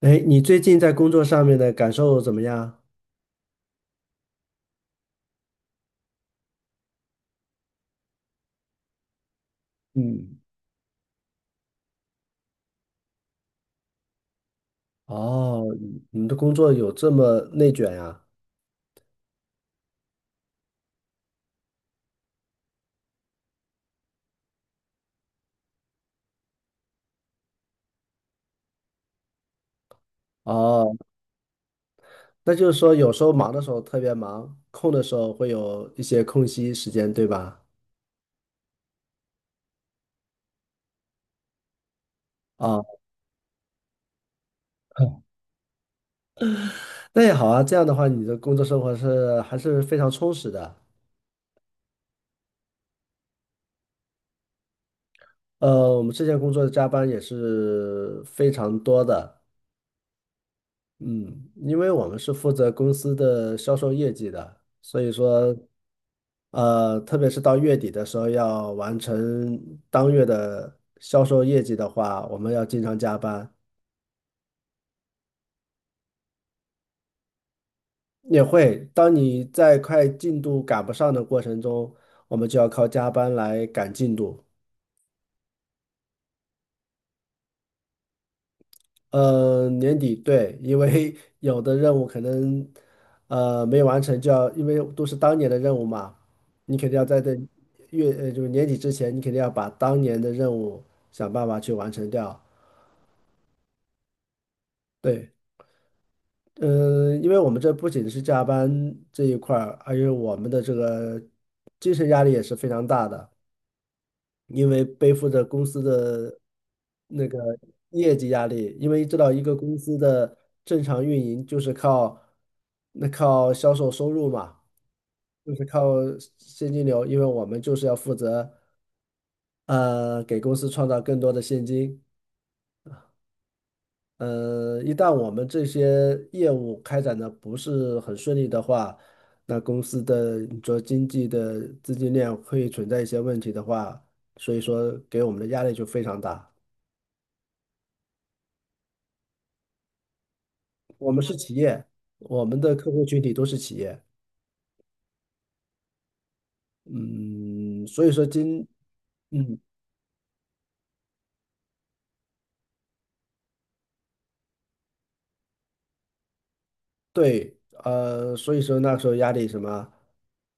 哎，你最近在工作上面的感受怎么样？嗯，哦，你们的工作有这么内卷呀？哦，那就是说有时候忙的时候特别忙，空的时候会有一些空隙时间，对吧？啊，那也好啊，这样的话你的工作生活是还是非常充实的。我们之前工作的加班也是非常多的，嗯，因为我们是负责公司的销售业绩的，所以说，特别是到月底的时候要完成当月的销售业绩的话，我们要经常加班，也会。当你在快进度赶不上的过程中，我们就要靠加班来赶进度。年底对，因为 有的任务可能没完成，就要因为都是当年的任务嘛，你肯定要在这月就是年底之前，你肯定要把当年的任务想办法去完成掉。对，嗯、因为我们这不仅是加班这一块儿，还有我们的这个精神压力也是非常大的。因为背负着公司的那个业绩压力，因为知道一个公司的正常运营就是靠那靠销售收入嘛，就是靠现金流，因为我们就是要负责给公司创造更多的现金。一旦我们这些业务开展的不是很顺利的话，那公司的你说经济的资金链会存在一些问题的话，所以说给我们的压力就非常大。我们是企业，我们的客户群体都是企业，嗯，所以说今，嗯，对，所以说那时候压力什么，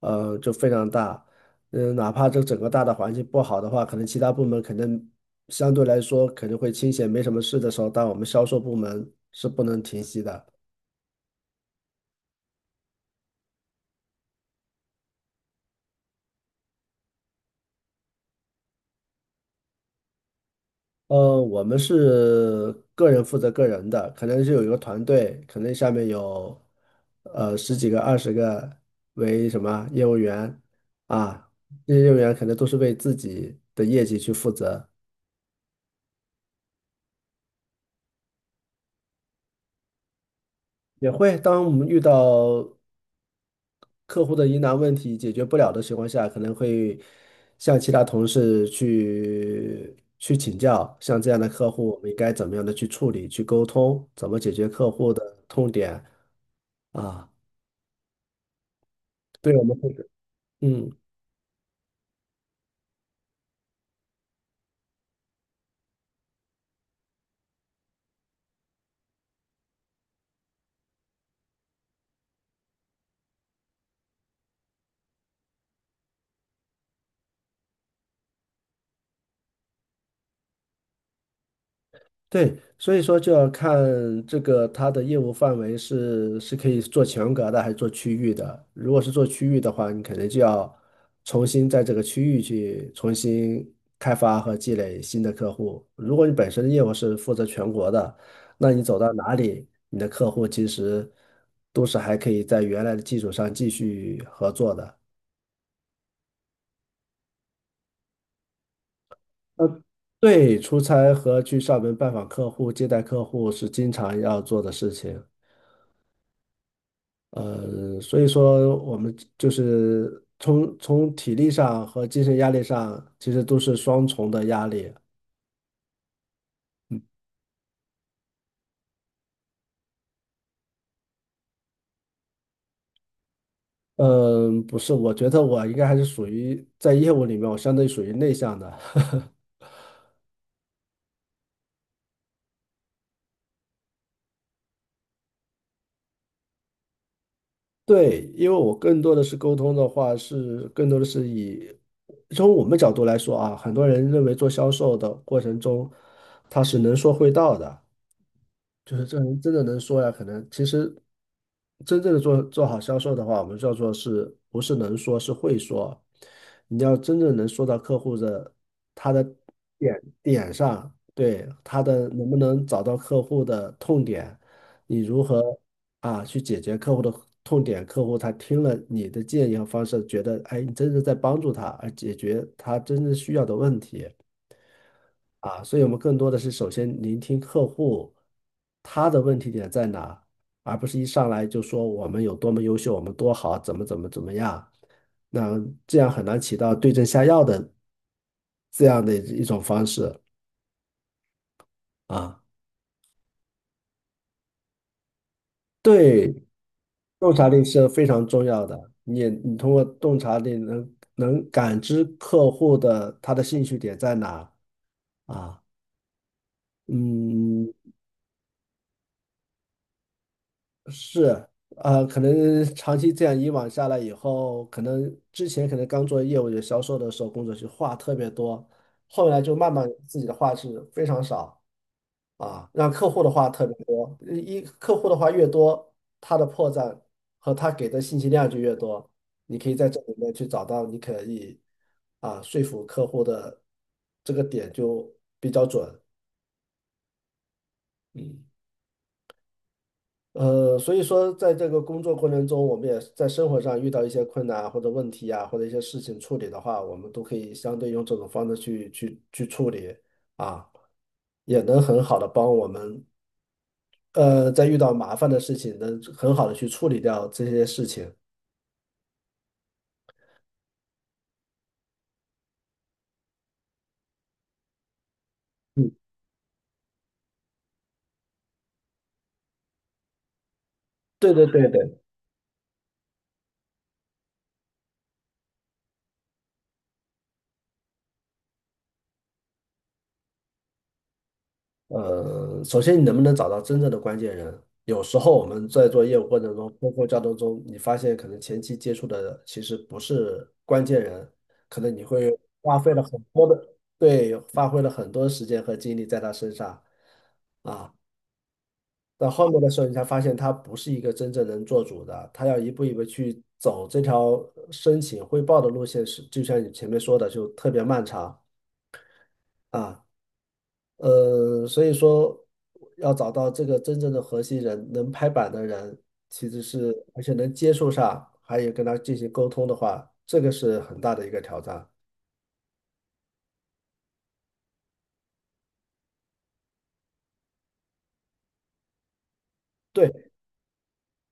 就非常大，嗯，哪怕这整个大的环境不好的话，可能其他部门可能相对来说可能会清闲，没什么事的时候，但我们销售部门是不能停息的。我们是个人负责个人的，可能是有一个团队，可能下面有十几个、二十个为什么业务员啊，这些业务员可能都是为自己的业绩去负责，也会当我们遇到客户的疑难问题解决不了的情况下，可能会向其他同事去请教，像这样的客户，我们应该怎么样的去处理、去沟通，怎么解决客户的痛点啊？对我们会。嗯，对，所以说就要看这个它的业务范围是可以做全国的还是做区域的。如果是做区域的话，你肯定就要重新在这个区域去重新开发和积累新的客户。如果你本身的业务是负责全国的，那你走到哪里，你的客户其实都是还可以在原来的基础上继续合作的。呃，对，出差和去上门拜访客户、接待客户是经常要做的事情。所以说我们就是从体力上和精神压力上，其实都是双重的压力。嗯，不是，我觉得我应该还是属于在业务里面，我相对属于内向的。对，因为我更多的是沟通的话，是更多的是以从我们角度来说啊，很多人认为做销售的过程中，他是能说会道的。就是这人真的能说呀，可能其实真正的做好销售的话，我们叫做是不是能说，是会说。你要真正能说到客户的他的点点上，对他的能不能找到客户的痛点，你如何去解决客户的痛点，客户他听了你的建议和方式，觉得哎，你真的在帮助他，而解决他真正需要的问题。啊，所以我们更多的是首先聆听客户他的问题点在哪，而不是一上来就说我们有多么优秀，我们多好，怎么怎么怎么样，那这样很难起到对症下药的这样的一种方式啊。对，洞察力是非常重要的，你也你通过洞察力能感知客户的他的兴趣点在哪啊。嗯，是，可能长期这样以往下来以后，可能之前可能刚做业务员销售的时候，工作就话特别多，后来就慢慢自己的话是非常少啊，让客户的话特别多，一客户的话越多，他的破绽和他给的信息量就越多，你可以在这里面去找到你可以说服客户的这个点就比较准，嗯。所以说，在这个工作过程中，我们也在生活上遇到一些困难或者问题啊，或者一些事情处理的话，我们都可以相对用这种方式去处理啊，也能很好的帮我们，在遇到麻烦的事情，能很好的去处理掉这些事情。嗯，对对对对。首先你能不能找到真正的关键人？有时候我们在做业务过程中，包括交流中，你发现可能前期接触的其实不是关键人，可能你会花费了很多的，对，花费了很多时间和精力在他身上啊。到后面的时候，你才发现他不是一个真正能做主的，他要一步一步去走这条申请汇报的路线是，就像你前面说的，就特别漫长啊。所以说要找到这个真正的核心人，能拍板的人，其实是而且能接受上，还有跟他进行沟通的话，这个是很大的一个挑战。对，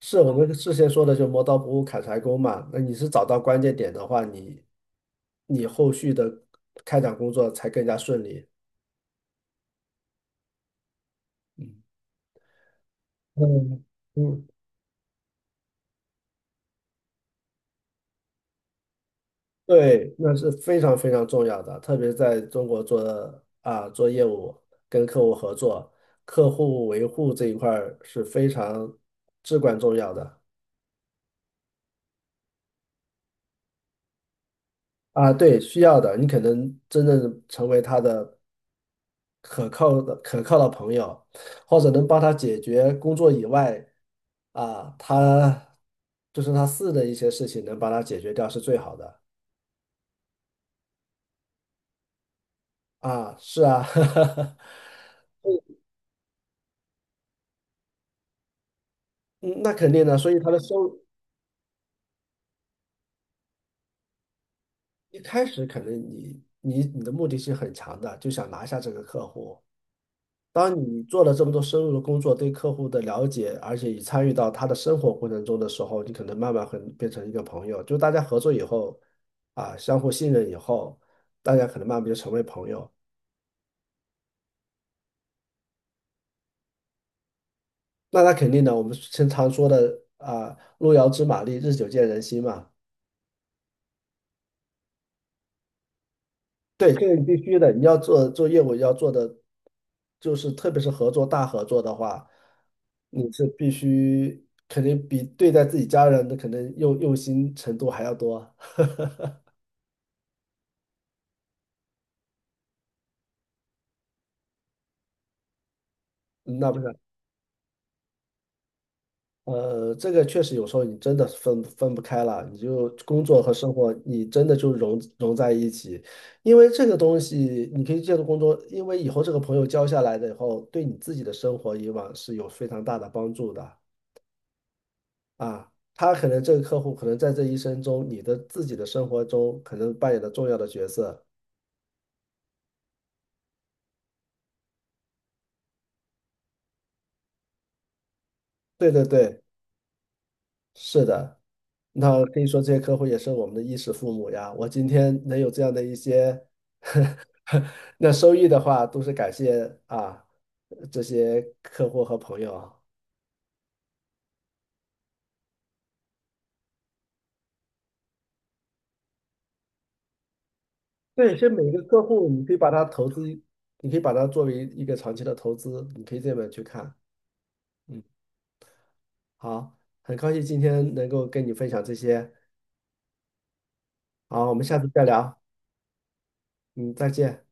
是我们之前说的，就磨刀不误砍柴工嘛。那你是找到关键点的话，你你后续的开展工作才更加顺利。嗯嗯，嗯对，那是非常非常重要的，特别是在中国做啊做业务，跟客户合作，客户维护这一块儿是非常至关重要的啊。对，需要的，你可能真正成为他的可靠的朋友，或者能帮他解决工作以外啊，他就是他私人的一些事情能帮他解决掉是最好的啊。是啊，嗯，那肯定的，所以他的收。一开始可能你的目的性很强的，就想拿下这个客户。当你做了这么多深入的工作，对客户的了解，而且也参与到他的生活过程中的时候，你可能慢慢会变成一个朋友。就大家合作以后，啊，相互信任以后，大家可能慢慢就成为朋友。那他肯定的，我们经常说的啊，路遥知马力，日久见人心嘛。对，这个必须的。你要做业务，要做的就是，特别是合作大合作的话，你是必须肯定比对待自己家人的肯定用心程度还要多。嗯那不是，呃，这个确实有时候你真的分不开了，你就工作和生活，你真的就融在一起。因为这个东西，你可以借助工作，因为以后这个朋友交下来的以后，对你自己的生活以往是有非常大的帮助的。啊，他可能这个客户可能在这一生中，你的自己的生活中可能扮演了重要的角色。对对对，是的。那可以说这些客户也是我们的衣食父母呀。我今天能有这样的一些 那收益的话，都是感谢啊这些客户和朋友啊。对，其实每个客户，你可以把它投资，你可以把它作为一个长期的投资，你可以这么去看。嗯，好，很高兴今天能够跟你分享这些。好，我们下次再聊，嗯，再见。